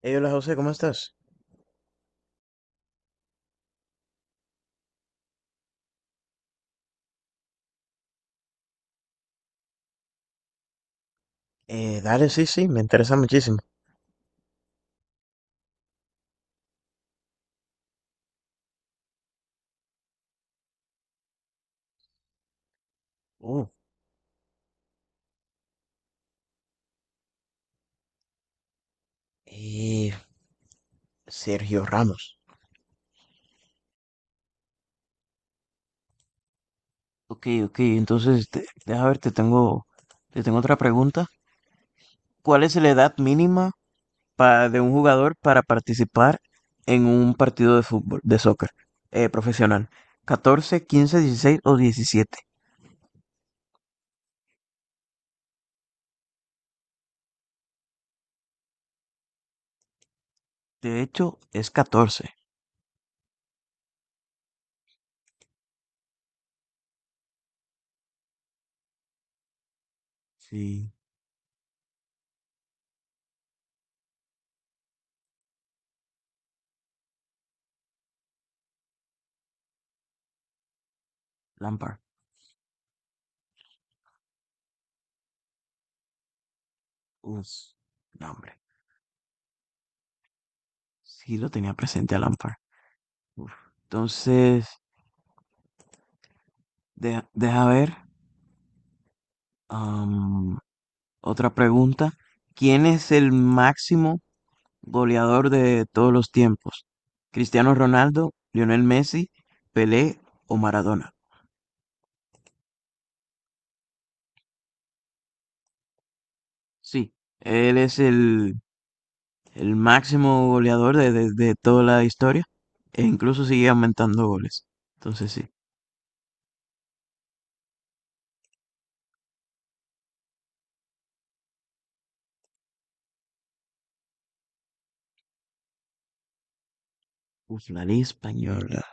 Hey, hola José, ¿cómo estás? Dale, sí, sí, me interesa muchísimo. Uh, eh, Sergio Ramos. Ok, ok, entonces deja ver, te tengo otra pregunta. ¿Cuál es la edad mínima de un jugador para participar en un partido de fútbol, de soccer, profesional? Catorce, quince, dieciséis o diecisiete. De hecho, es catorce. Sí, Lampard. Uf, no, hombre. Sí lo tenía presente a Lampard. Uf. Entonces, deja ver. am, otra pregunta. ¿Quién es el máximo goleador de todos los tiempos? ¿Cristiano Ronaldo, Lionel Messi, Pelé o Maradona? Sí, él es el máximo goleador de toda la historia e incluso sigue aumentando goles. Entonces sí. Uf, la ley española.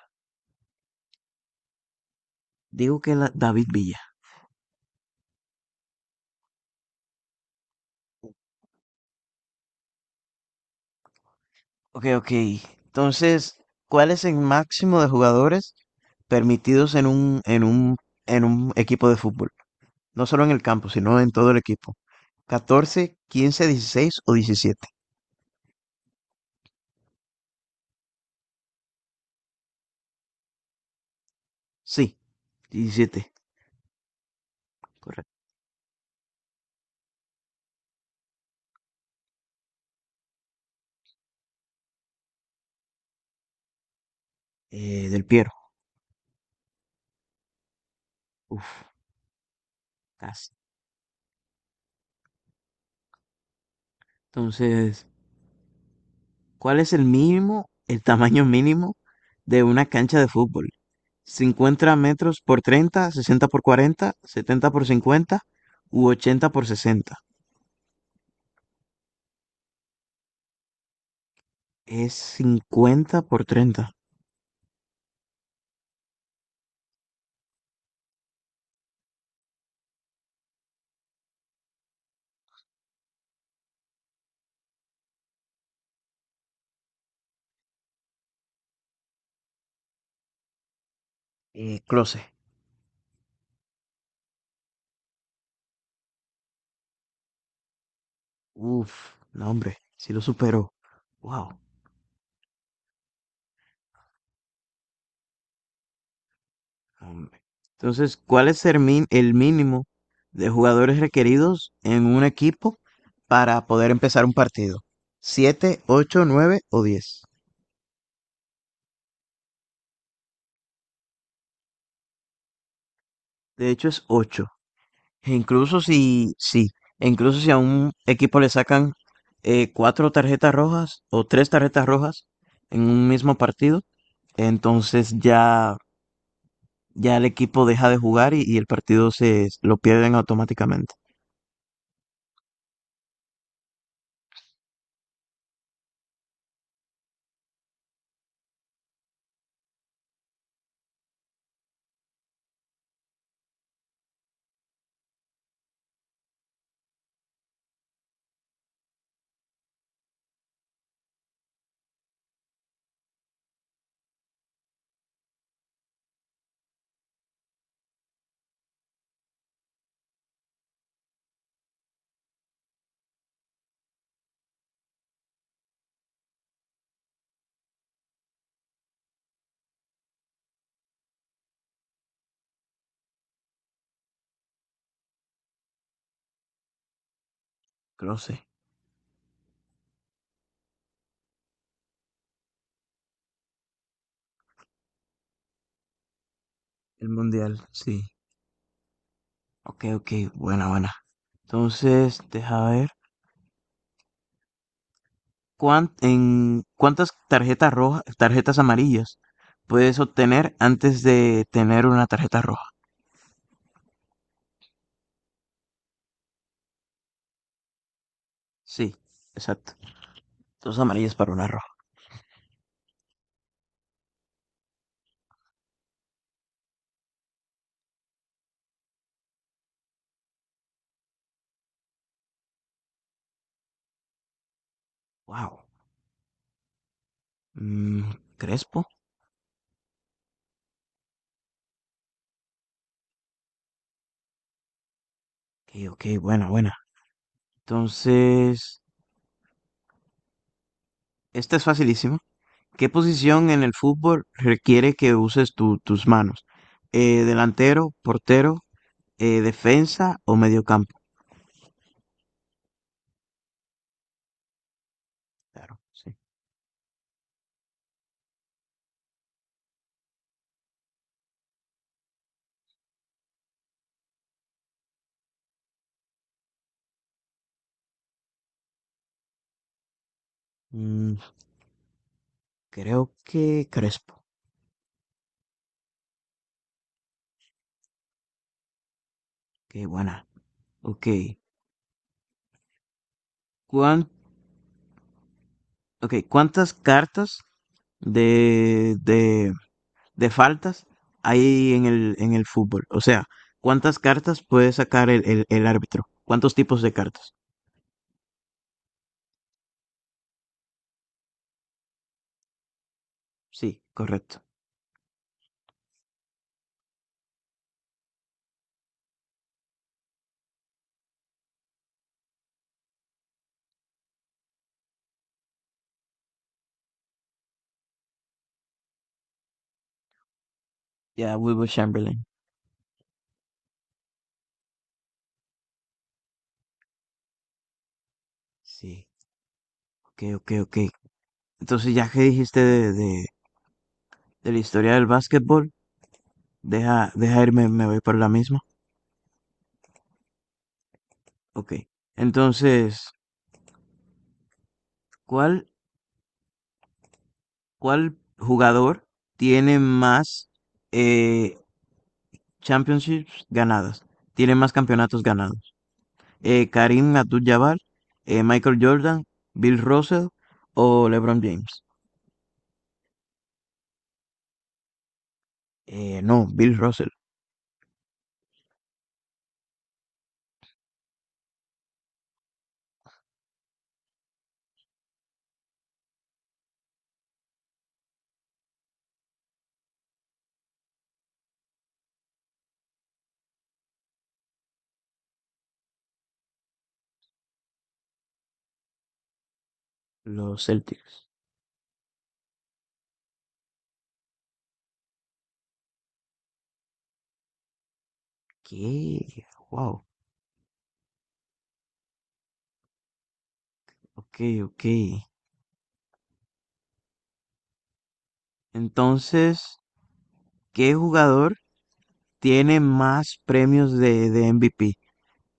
Digo que la, David Villa. Ok, ok. Entonces, ¿cuál es el máximo de jugadores permitidos en un equipo de fútbol? No solo en el campo, sino en todo el equipo. Catorce, quince, dieciséis o diecisiete. Sí, diecisiete. Correcto. Del Piero. Uf, casi. Entonces, ¿cuál es el mínimo, el tamaño mínimo de una cancha de fútbol? 50 metros por 30, 60 por 40, 70 por 50 u 80 por 60. Es 50 por treinta. Closet. Uf, no, hombre, sí lo superó. Wow, hombre. Entonces, ¿cuál es el mínimo de jugadores requeridos en un equipo para poder empezar un partido? Siete, 8, 9 o diez. De hecho, es ocho. E incluso si, sí, e incluso si a un equipo le sacan cuatro tarjetas rojas o tres tarjetas rojas en un mismo partido, entonces ya el equipo deja de jugar y el partido se lo pierden automáticamente. Creo sí. El mundial, sí. Ok, ok, buena, buena. Entonces, deja ver. ¿Cuántas tarjetas rojas, tarjetas amarillas puedes obtener antes de tener una tarjeta roja? Sí, exacto. Dos amarillas para una roja. Wow. Crespo. Ok, ok, buena, buena. Entonces, esta es facilísima. ¿Qué posición en el fútbol requiere que uses tus manos? Delantero, portero, defensa o mediocampo. Claro, sí. Mm, creo que Crespo. Qué buena. Ok. ¿Cuán- ok, ¿Cuántas cartas de, de, de faltas hay en en el fútbol? O sea, ¿cuántas cartas puede sacar el árbitro? ¿Cuántos tipos de cartas? Sí, correcto. Ya, Wilbur Chamberlain. Sí. Ok, ok, ok. Entonces, ya que dijiste de la historia del básquetbol, deja irme, me voy por la misma. Ok. Entonces, ¿cuál, ¿cuál jugador tiene más eh, championships ganadas? Tiene más campeonatos ganados. Karim Abdul-Jabbar, Michael Jordan, Bill Russell o LeBron James. No, Bill Russell, los Celtics. ¿Qué? Wow. Ok, ok. Entonces, ¿qué jugador tiene más premios de MVP?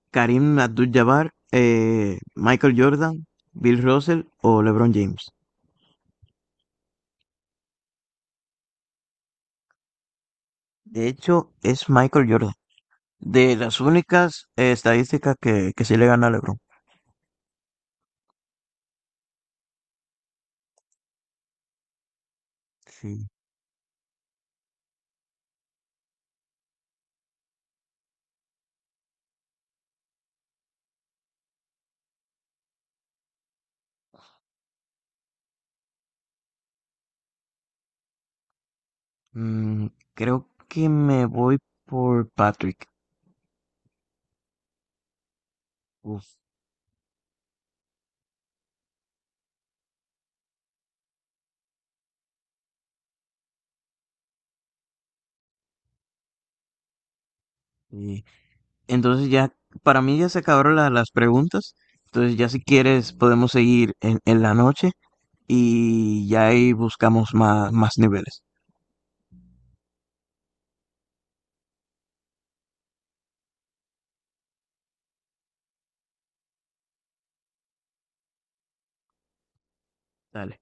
¿Karim Abdul-Jabbar, Michael Jordan, Bill Russell o LeBron James? De hecho, es Michael Jordan. De las únicas estadísticas que sí le gana a LeBron. Sí. Mm, creo que me voy por Patrick. Uf, sí. Entonces ya, para mí ya se acabaron las preguntas. Entonces ya si quieres podemos seguir en la noche y ya ahí buscamos más, más niveles. Dale.